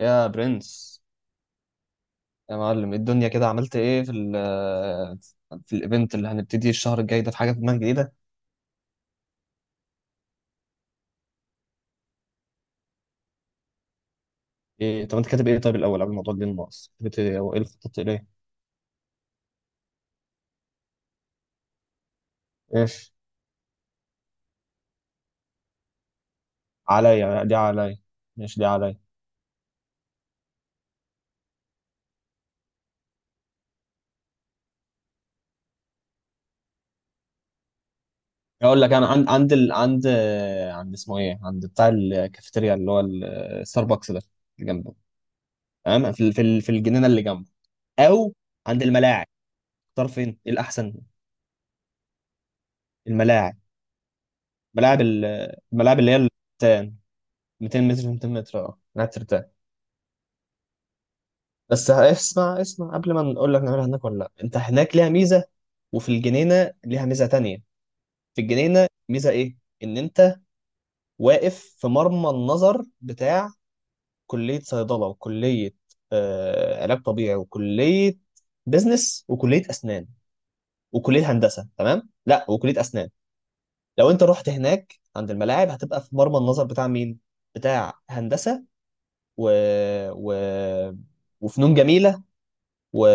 يا برنس، يا معلم إيه الدنيا؟ كده عملت ايه في ال في الايفنت اللي هنبتدي الشهر الجاي ده؟ في حاجه في دماغك جديده؟ ايه؟ طب انت كاتب ايه؟ طيب الاول قبل الموضوع دي الناقص، كتبت ايه وايه اللي خططت اليه؟ ايش؟ عليا، دي عليا. ماشي دي عليا. اقول لك انا عند عند، عند اسمه ايه، عند بتاع الكافيتيريا اللي هو الستاربكس ده، اللي جنبه. تمام، في الجنينه اللي جنبه، او عند الملاعب. اختار فين، ايه الاحسن؟ الملاعب؟ ملاعب ال- الملاعب اللي هي التان. 200 متر 200 متر، اه قاعد ترتاح؟ بس اسمع، اسمع قبل ما نقول لك نعملها هناك ولا لا. انت هناك ليها ميزه، وفي الجنينه ليها ميزه تانية. في الجنينه ميزه ايه؟ ان انت واقف في مرمى النظر بتاع كليه صيدله، وكليه علاج طبيعي، وكليه بزنس، وكليه اسنان، وكليه هندسه. تمام لا، وكليه اسنان. لو انت رحت هناك عند الملاعب هتبقى في مرمى النظر بتاع مين؟ بتاع هندسه، و... و... وفنون جميله، و...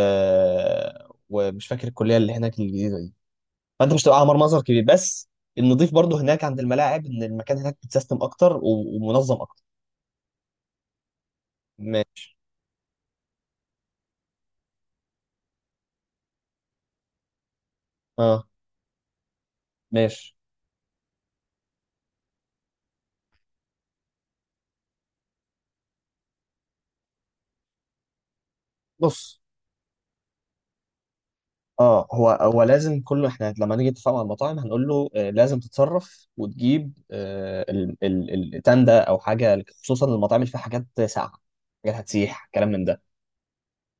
ومش فاكر الكليه اللي هناك الجديده دي. فانت مش هتبقى على مرمزر كبير بس. النضيف برضو هناك عند الملاعب، ان المكان هناك متسيستم اكتر ومنظم اكتر. ماشي. اه ماشي. بص، اه، هو لازم كله، احنا لما نيجي نتفق مع المطاعم هنقول له لازم تتصرف وتجيب التندة او حاجه، خصوصا المطاعم اللي فيها حاجات ساقعه، حاجات هتسيح كلام من ده.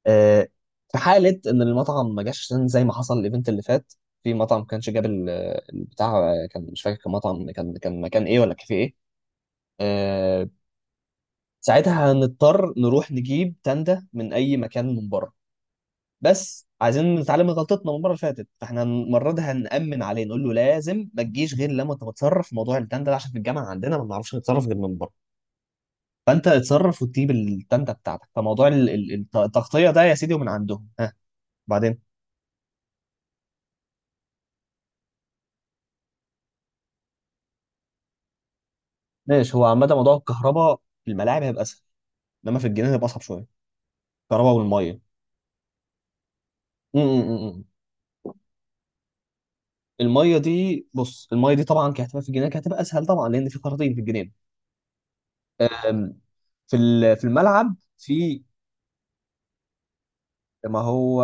آه، في حالة إن المطعم ما جاش، عشان زي ما حصل الإيفنت اللي فات في مطعم ما كانش جاب البتاع، كان مش فاكر، كان مطعم، كان مكان إيه ولا كافيه إيه. آه، ساعتها هنضطر نروح نجيب تندة من أي مكان من بره. بس عايزين نتعلم من غلطتنا من المرة اللي فاتت، فإحنا المرة دي هنأمن عليه، نقول له لازم ما تجيش غير لما أنت تتصرف في موضوع التندة ده، عشان في الجامعة عندنا ما بنعرفش نتصرف غير من بره. فأنت اتصرف وتجيب التندة بتاعتك، فموضوع التغطية ده يا سيدي ومن عندهم. ها بعدين. ماشي، هو عامة موضوع الكهرباء في الملاعب هيبقى اسهل، انما في الجنينة هيبقى اصعب شوية، الكهرباء والمية. م. المية دي، بص، المية دي طبعا كهتبقى في الجنينة كهتبقى اسهل طبعا، لان في خراطيم في الجنينة. أم، في الملعب في، ما هو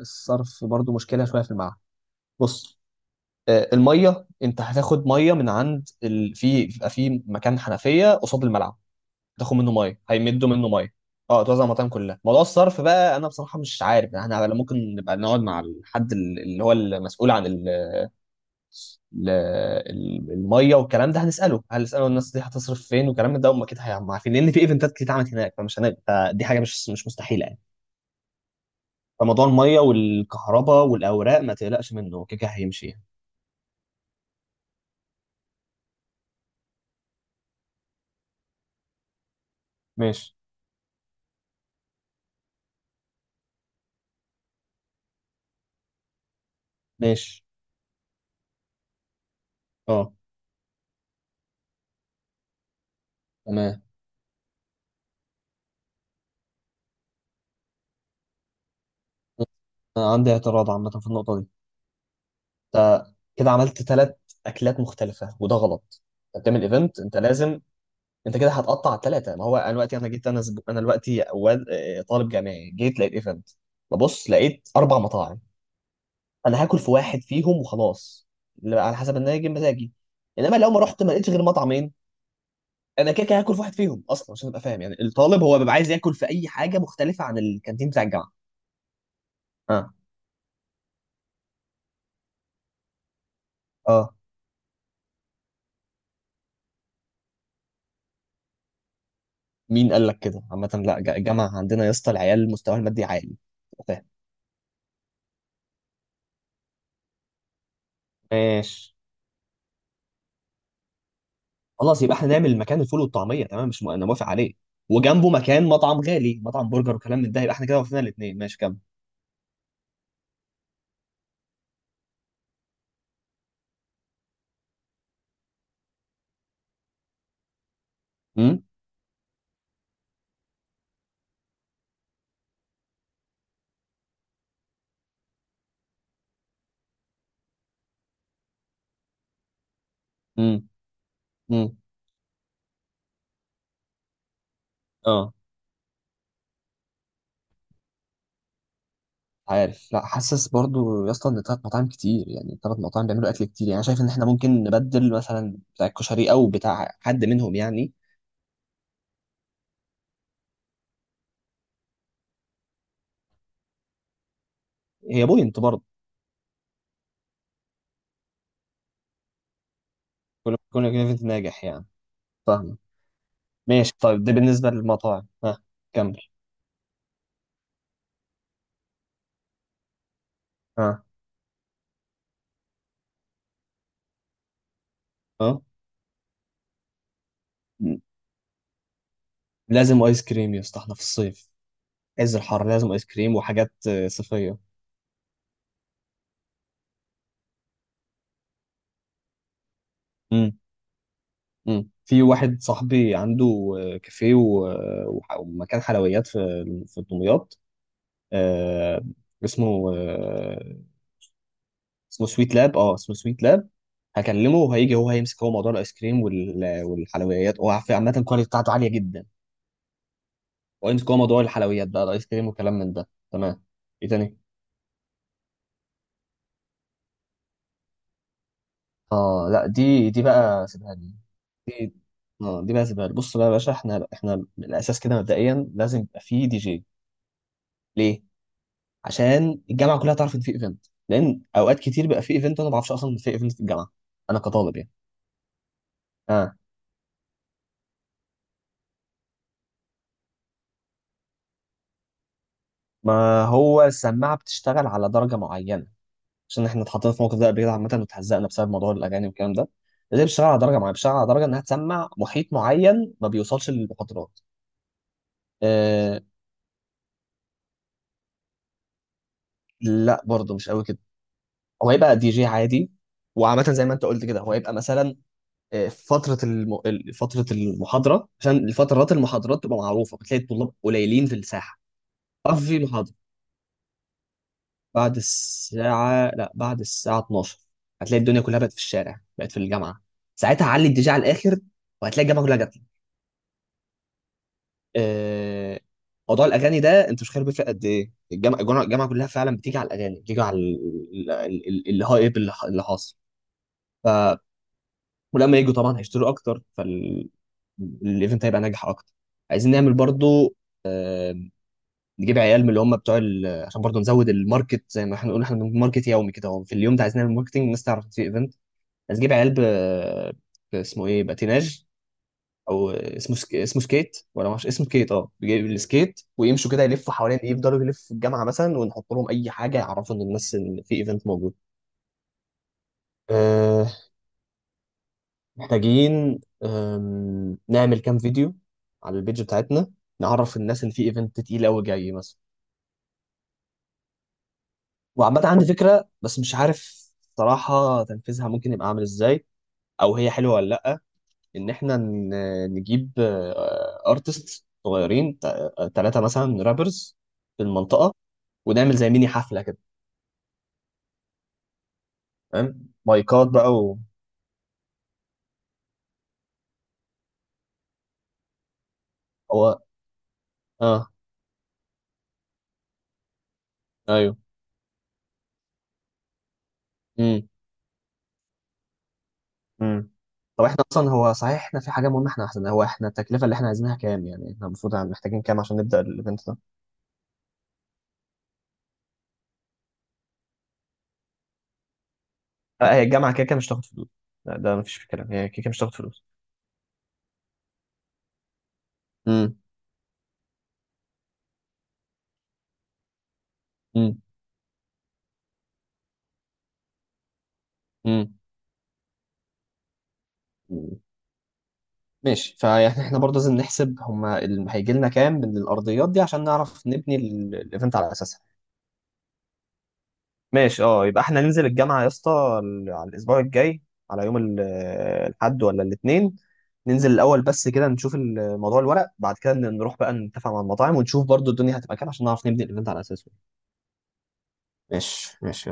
الصرف برضو مشكلة شوية في الملعب. بص، المية انت هتاخد مية من في بيبقى في مكان حنفية قصاد الملعب، تاخد منه ميه، هيمدوا منه ميه. اه توزع على المطاعم كلها. موضوع الصرف بقى انا بصراحه مش عارف، ممكن نبقى نقعد مع الحد اللي هو المسؤول عن ال- الميه والكلام ده، هنساله هنساله الناس دي هتصرف فين، والكلام ده هم اكيد هيبقوا عارفين، لان في ايفنتات كتير اتعملت هناك، فمش هنبقى، فدي حاجه مش مستحيله يعني. فموضوع الميه والكهرباء والاوراق ما تقلقش منه، هو كده كده هيمشي يعني. ماشي ماشي. اه تمام. انا عندي اعتراض عامه في النقطه دي، كده عملت ثلاث اكلات مختلفه وده غلط. انت بتعمل ايفنت، انت لازم، انت كده هتقطع على الثلاثه. ما هو انا دلوقتي، انا جيت، انا دلوقتي طالب جامعي، جيت لقيت ايفنت، ببص لقيت اربع مطاعم، انا هاكل في واحد فيهم وخلاص، اللي على حسب ان انا جاي مزاجي. انما لو ما رحت ما لقيتش غير مطعمين، انا كده كده هاكل في واحد فيهم اصلا. عشان ابقى فاهم، يعني الطالب هو بيبقى عايز ياكل في اي حاجه مختلفه عن الكانتين بتاع الجامعه. اه. اه. مين قال لك كده؟ عامه لا، الجامعه عندنا يا اسطى العيال مستواها المادي عالي، فاهم؟ ماشي. خلاص يبقى احنا نعمل مكان الفول والطعميه، تمام، مش م... انا موافق عليه، وجنبه مكان مطعم غالي، مطعم برجر وكلام من ده، يبقى احنا كده وفينا الاثنين، ماشي كمل. امم. امم. امم. اه. عارف، لا حاسس برضو يا اسطى ان ثلاث مطاعم كتير يعني، ثلاث مطاعم بيعملوا اكل كتير يعني، أنا شايف ان احنا ممكن نبدل مثلا بتاع الكشري او بتاع حد منهم يعني. هي بوينت برضه، كل ايفنت ناجح يعني. فاهم. ماشي طيب، ده بالنسبه للمطاعم. ها كمل. ها. ها. م- لازم ايس كريم يا اسطى، احنا في الصيف، عز الحر، لازم ايس كريم وحاجات صيفيه. امم. امم. في واحد صاحبي عنده كافيه ومكان حلويات في في دمياط، آه، اسمه اسمه سويت لاب، اه اسمه سويت لاب. هكلمه وهيجي، هو هيمسك هو موضوع الايس كريم والحلويات، هو عارف، عامه الكواليتي بتاعته عاليه جدا. هو يمسك هو موضوع الحلويات بقى، الايس كريم وكلام من ده، تمام. ايه تاني؟ اه لا، دي دي بقى سيبها لي. اه دي بقى زباله. بص بقى يا باشا، احنا من الاساس كده مبدئيا لازم يبقى فيه دي جي. ليه؟ عشان الجامعه كلها تعرف ان في ايفنت، لان اوقات كتير بيبقى في ايفنت انا ما بعرفش اصلا ان في ايفنت في الجامعه، انا كطالب يعني. اه ما هو السماعه بتشتغل على درجه معينه، عشان احنا اتحطينا في موقف ده قبل كده عامه واتهزقنا بسبب موضوع الاغاني والكلام ده. لازم بتشتغل على درجه معينه، بتشتغل على درجه انها تسمع محيط معين ما بيوصلش للمخاطرات. آه لا برضه مش قوي كده، هو هيبقى دي جي عادي. وعامة زي ما انت قلت كده هو هيبقى مثلا فترة المحاضرة، عشان الفترات المحاضرات تبقى معروفة بتلاقي الطلاب قليلين في الساحة، في محاضرة. بعد الساعة لا بعد الساعة 12 هتلاقي الدنيا كلها بقت في الشارع، بقت في الجامعة، ساعتها علي الدي جي على الآخر وهتلاقي الجامعة كلها جت لك. آه، موضوع الأغاني ده أنت مش خير، بيفرق قد إيه الجامعة، الجامعة كلها فعلا بتيجي على الأغاني، بتيجي على الهايب اللي اللي حاصل. ف ولما يجوا طبعا هيشتروا أكتر، الايفنت هيبقى ناجح اكتر. عايزين نعمل برضو، آه، نجيب عيال من اللي هم بتوع عشان برضه نزود الماركت، زي ما احنا بنقول احنا بنعمل ماركت يومي كده، هو في اليوم ده عايز نعمل ماركتنج، الناس تعرف إن في ايفنت. عايز نجيب عيال اسمه ايه، باتيناج، اسمه سكيت، ولا معرفش، اسمه سكيت، اه بيجيب السكيت ويمشوا كده يلفوا حوالين ايه، يفضلوا يلفوا في الجامعه مثلا، ونحط لهم اي حاجه يعرفوا ان الناس ان في ايفنت موجود. أه... محتاجين نعمل كام فيديو على البيج بتاعتنا، نعرف الناس ان في ايفنت تقيل قوي جاي مثلا. وعامة عندي فكرة بس مش عارف صراحة تنفيذها ممكن يبقى عامل ازاي، او هي حلوة ولا لأ. ان احنا نجيب ارتست صغيرين، ثلاثة مثلا رابرز في المنطقة، ونعمل زي ميني حفلة كده، فاهم، مايكات بقى و... هو. اه. ايوه. امم. امم. طب احنا اصلا، هو صحيح احنا في حاجة مهمة، احنا احسن، هو احنا التكلفة اللي احنا عايزينها كام يعني؟ احنا المفروض محتاجين كام عشان نبدأ الايفنت ده؟ هي الجامعة كده كده مش هتاخد فلوس. لا ده مفيش في كلام، هي كده كده مش هتاخد فلوس. امم. امم. ماشي، فيعني احنا برضه لازم نحسب هما اللي هيجي لنا كام من الارضيات دي، عشان نعرف نبني الايفنت على اساسها. ماشي، اه يبقى احنا ننزل الجامعه يا اسطى على الاسبوع الجاي، على يوم الاحد ولا الاثنين، ننزل الاول بس كده نشوف موضوع الورق، بعد كده نروح بقى نتفق مع المطاعم، ونشوف برضه الدنيا هتبقى كام عشان نعرف نبني الايفنت على اساسه. ماشي ماشي.